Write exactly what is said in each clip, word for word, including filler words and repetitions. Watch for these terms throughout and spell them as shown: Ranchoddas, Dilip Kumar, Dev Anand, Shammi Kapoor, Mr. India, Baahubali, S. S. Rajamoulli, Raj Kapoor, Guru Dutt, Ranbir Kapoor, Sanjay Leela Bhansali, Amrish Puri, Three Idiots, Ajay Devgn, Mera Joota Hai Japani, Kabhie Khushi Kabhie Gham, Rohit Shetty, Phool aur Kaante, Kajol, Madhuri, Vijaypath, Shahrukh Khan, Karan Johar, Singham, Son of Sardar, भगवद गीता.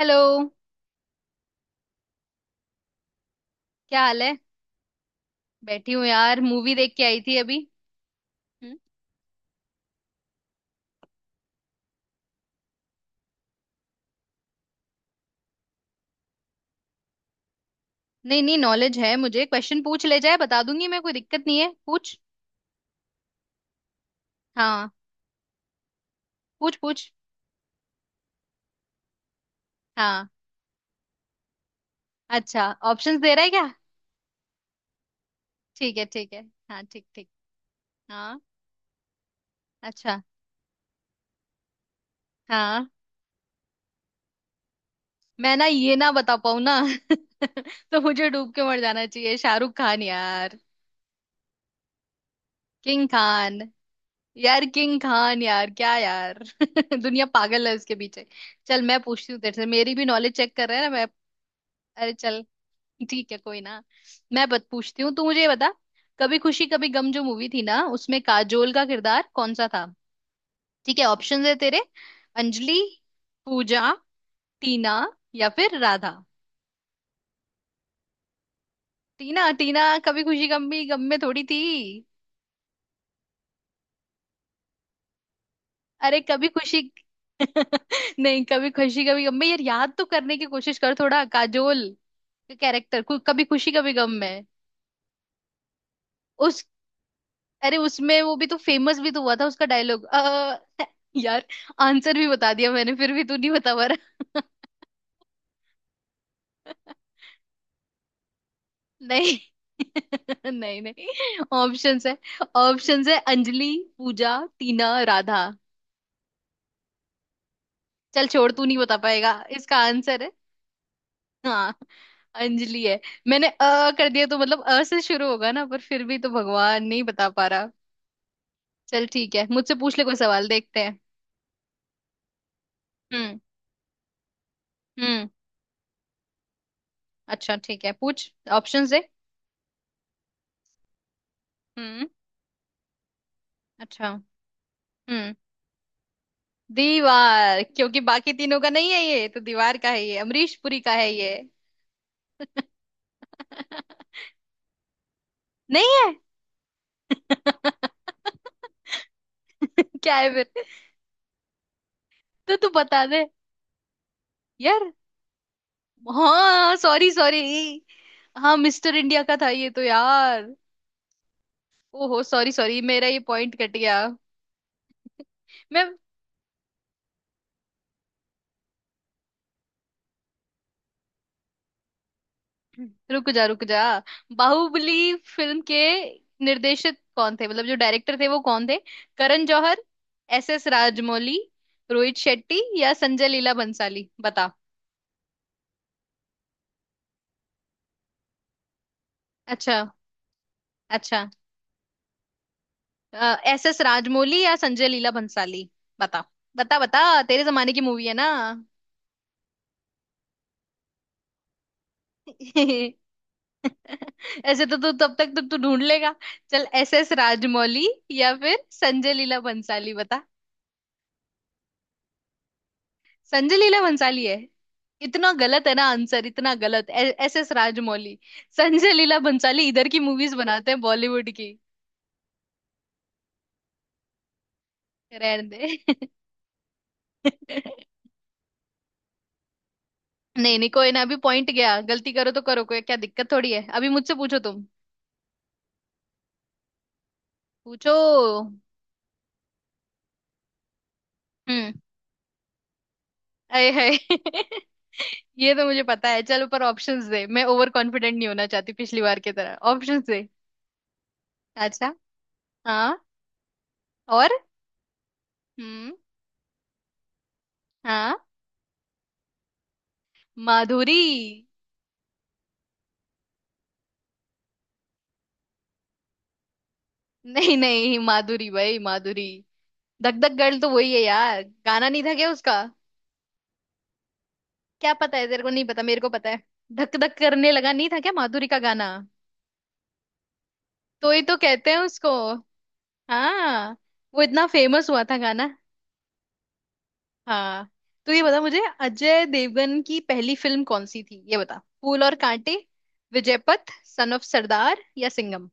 Hello. क्या हाल है? बैठी हूँ यार, मूवी देख के आई थी अभी। हम्म? नहीं नहीं, नॉलेज है, मुझे क्वेश्चन पूछ ले जाए बता दूंगी मैं, कोई दिक्कत नहीं है, पूछ। हाँ। पूछ पूछ। हाँ। अच्छा, ऑप्शंस दे रहा है क्या? ठीक है ठीक है। हाँ, ठीक ठीक। हाँ। अच्छा। हाँ। मैं ना ये ना बता पाऊँ ना। तो मुझे डूब के मर जाना चाहिए, शाहरुख खान यार। किंग खान। यार किंग खान यार, क्या यार। दुनिया पागल है उसके पीछे। चल, मैं पूछती हूँ तेरे से, मेरी भी नॉलेज चेक कर रहा है ना मैं। अरे चल। ठीक है कोई ना। मैं बत पूछती हूँ, तू मुझे ये बता। कभी खुशी कभी गम जो मूवी थी ना, उसमें काजोल का किरदार कौन सा था? ठीक है, ऑप्शंस है तेरे। अंजलि, पूजा, टीना या फिर राधा। टीना? टीना कभी खुशी गम, भी गम में थोड़ी थी। अरे कभी खुशी नहीं, कभी खुशी कभी गम में, यार याद तो करने की कोशिश कर थोड़ा, काजोल का कैरेक्टर कभी खुशी कभी गम में। उस अरे उसमें वो भी तो फेमस भी तो हुआ था उसका डायलॉग, आ, यार। आंसर भी बता दिया मैंने, फिर भी तू नहीं बता पा रहा। नहीं। नहीं नहीं। ऑप्शंस है। ऑप्शंस है, अंजलि, पूजा, टीना, राधा। चल छोड़, तू नहीं बता पाएगा। इसका आंसर है। हाँ, अंजलि है। मैंने अ कर दिया तो मतलब अ से शुरू होगा ना, पर फिर भी तो भगवान नहीं बता पा रहा। चल ठीक है, मुझसे पूछ ले कोई सवाल, देखते हैं। हम्म। हम्म। अच्छा ठीक है, पूछ, ऑप्शंस दे। हम्म। अच्छा। हम्म। दीवार, क्योंकि बाकी तीनों का नहीं है, ये तो दीवार का है, ये अमरीश पुरी का है ये। नहीं है। क्या है फिर? तो तू बता दे। यार। हाँ सॉरी सॉरी। हाँ मिस्टर इंडिया का था ये तो यार। ओहो सॉरी सॉरी, मेरा ये पॉइंट कट गया। मैं रुक जा रुक जा। बाहुबली फिल्म के निर्देशक कौन थे, मतलब जो डायरेक्टर थे वो कौन थे? करण जौहर, एस एस राजमौली, रोहित शेट्टी या संजय लीला बंसाली, बता। अच्छा अच्छा। एस एस राजमौली या संजय लीला भंसाली, बता बता बता। तेरे जमाने की मूवी है ना। ऐसे तो तू तब तक तो तू ढूंढ लेगा। चल एस एस राजमौली या फिर संजय लीला भंसाली, बता। संजय लीला भंसाली है। इतना गलत है ना आंसर, इतना गलत। S S Rajamouli! संजय लीला भंसाली इधर की मूवीज बनाते हैं, बॉलीवुड की। रहने दे। नहीं नहीं, कोई ना, अभी पॉइंट गया, गलती करो तो करो, कोई क्या दिक्कत थोड़ी है, अभी मुझसे पूछो तुम। पूछो। हम्म। अरे है। ये तो मुझे पता है चलो, पर ऑप्शंस दे, मैं ओवर कॉन्फिडेंट नहीं होना चाहती पिछली बार की तरह, ऑप्शंस दे। अच्छा। हाँ। और? हम्म। हाँ। माधुरी। नहीं नहीं, माधुरी भाई माधुरी। धक धक गर्ल तो वही है यार, गाना नहीं था क्या उसका? क्या पता है तेरे को, नहीं पता, मेरे को पता है। धक धक करने लगा, नहीं था क्या माधुरी का गाना? तो ही तो कहते हैं उसको। हाँ। वो इतना फेमस हुआ था गाना। हाँ। तो ये बता मुझे, अजय देवगन की पहली फिल्म कौन सी थी, ये बता। फूल और कांटे, विजयपथ, सन ऑफ सरदार या सिंघम?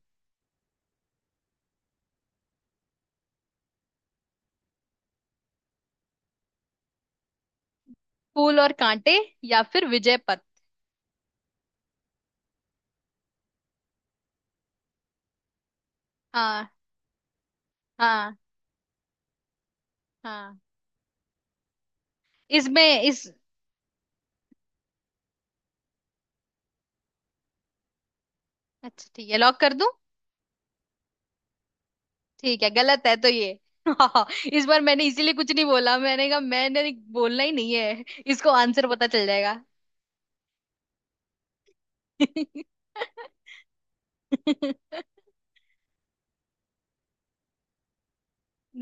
फूल और कांटे या फिर विजयपथ? हाँ हाँ हाँ। इसमें इस अच्छा ठीक है, लॉक कर दूं? ठीक है, गलत है तो ये। इस बार मैंने इसीलिए कुछ नहीं बोला, मैंने कहा मैंने बोलना ही नहीं है, इसको आंसर पता चल जाएगा।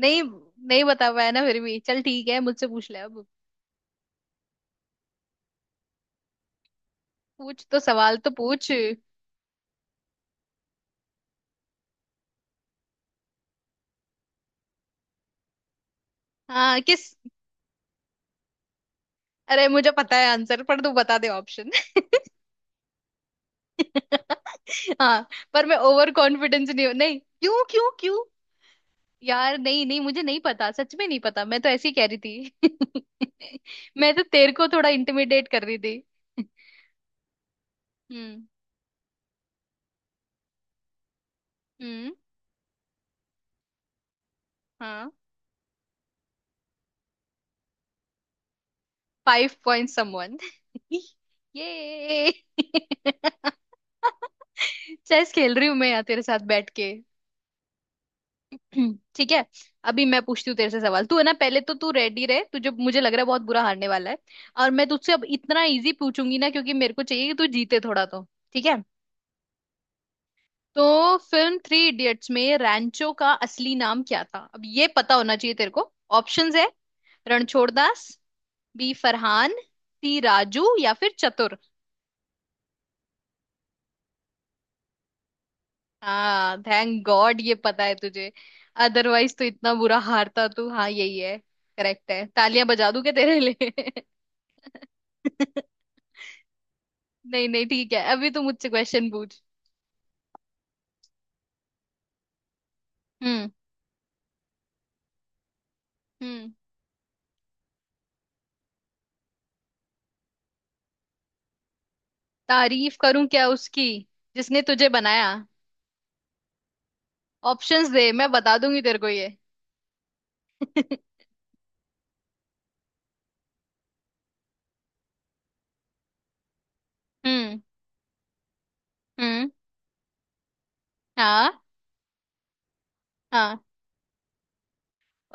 नहीं नहीं बता पाया ना फिर भी, चल ठीक है, मुझसे पूछ ले अब। पूछ तो, सवाल तो पूछ। हाँ, किस। अरे मुझे पता है आंसर, पर तू बता दे ऑप्शन। हाँ। पर मैं ओवर कॉन्फिडेंस नहीं हूँ, नहीं क्यों क्यों क्यों। यार नहीं नहीं, मुझे नहीं पता, सच में नहीं पता, मैं तो ऐसे ही कह रही थी। मैं तो तेरे को थोड़ा इंटिमिडेट कर रही थी। हम्म। हम्म। हाँ। Five point someone. ये चेस खेल रही हूँ मैं यहाँ तेरे साथ बैठ के। हम्म, ठीक है। अभी मैं पूछती हूँ तेरे से सवाल, तू है ना पहले तो तू रेडी रहे, तुझे मुझे लग रहा है बहुत बुरा हारने वाला है। और मैं तुझसे अब इतना इजी पूछूंगी ना, क्योंकि मेरे को चाहिए कि तू जीते थोड़ा तो। ठीक है। तो फिल्म थ्री इडियट्स में रैंचो का असली नाम क्या था, अब ये पता होना चाहिए तेरे को। ऑप्शंस है। रणछोड़ दास, बी फरहान, सी राजू या फिर चतुर। हाँ, थैंक गॉड ये पता है तुझे। अदरवाइज तो इतना बुरा हारता तू। हाँ यही है, करेक्ट है, तालियां बजा दूं क्या तेरे लिए? नहीं नहीं ठीक है, अभी तू मुझसे क्वेश्चन पूछ। हम्म। हम्म। तारीफ करूं क्या उसकी, जिसने तुझे बनाया। ऑप्शंस दे, मैं बता दूंगी तेरे को ये। हम्म। हम्म। हाँ। हाँ।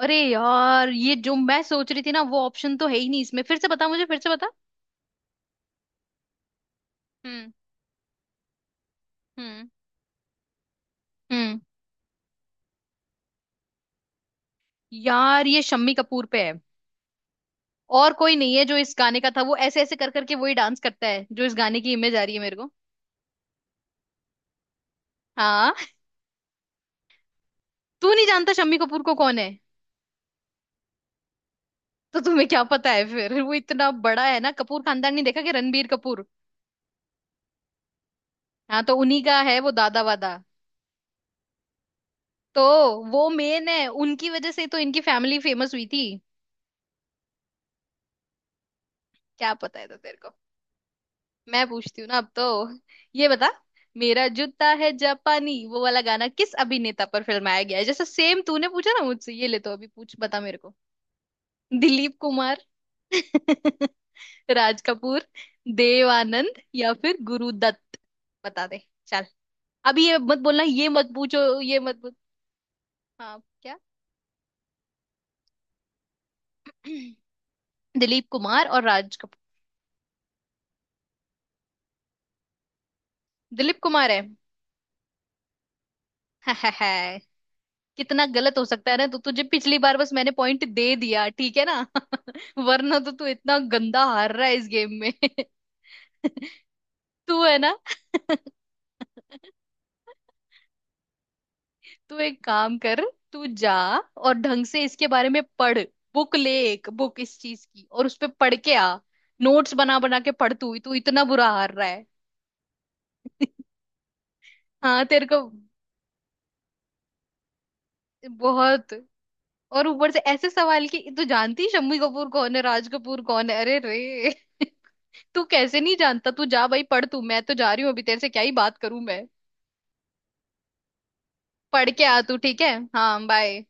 अरे यार, ये जो मैं सोच रही थी ना वो ऑप्शन तो है ही नहीं इसमें, फिर से बता मुझे, फिर से बता। हम्म। हम्म। हम्म। यार, ये शम्मी कपूर पे है। और कोई नहीं है, जो इस गाने का था वो ऐसे ऐसे कर करके वही डांस करता है, जो इस गाने की इमेज आ रही है मेरे को। हाँ। तू नहीं जानता शम्मी कपूर को, कौन है? तो तुम्हें क्या पता है फिर, वो इतना बड़ा है ना कपूर खानदान, नहीं देखा कि रणबीर कपूर? हाँ, तो उन्हीं का है वो, दादा वादा। तो वो मेन है, उनकी वजह से तो इनकी फैमिली फेमस हुई थी। क्या पता है तो तेरे को। मैं पूछती हूँ ना अब तो। ये बता, मेरा जूता है जापानी वो वाला गाना किस अभिनेता पर फिल्माया गया है, जैसे सेम तूने पूछा ना मुझसे, ये ले, तो अभी पूछ, बता मेरे को। दिलीप कुमार, राज कपूर, देव आनंद या फिर गुरुदत्त, बता दे। चल, अभी ये मत बोलना, ये मत पूछो, ये मत पूछ। हाँ क्या? दिलीप कुमार और राज कपूर। दिलीप कुमार है। कितना गलत हो सकता है ना, तो तुझे पिछली बार बस मैंने पॉइंट दे दिया, ठीक है ना। वरना तो तू इतना गंदा हार रहा है इस गेम में। तू है ना। तू एक काम कर, तू जा और ढंग से इसके बारे में पढ़। बुक ले, एक बुक इस चीज की, और उस पे पढ़ के आ। नोट्स बना बना के पढ़, तू तू इतना बुरा हार रहा है। हाँ तेरे को। बहुत। और ऊपर से ऐसे सवाल, कि तू जानती है शम्मी कपूर कौन है, राज कपूर कौन है, अरे रे। तू कैसे नहीं जानता, तू जा भाई, पढ़ तू, मैं तो जा रही हूँ, अभी तेरे से क्या ही बात करूं मैं। पढ़ के आ तू, ठीक है, हाँ बाय।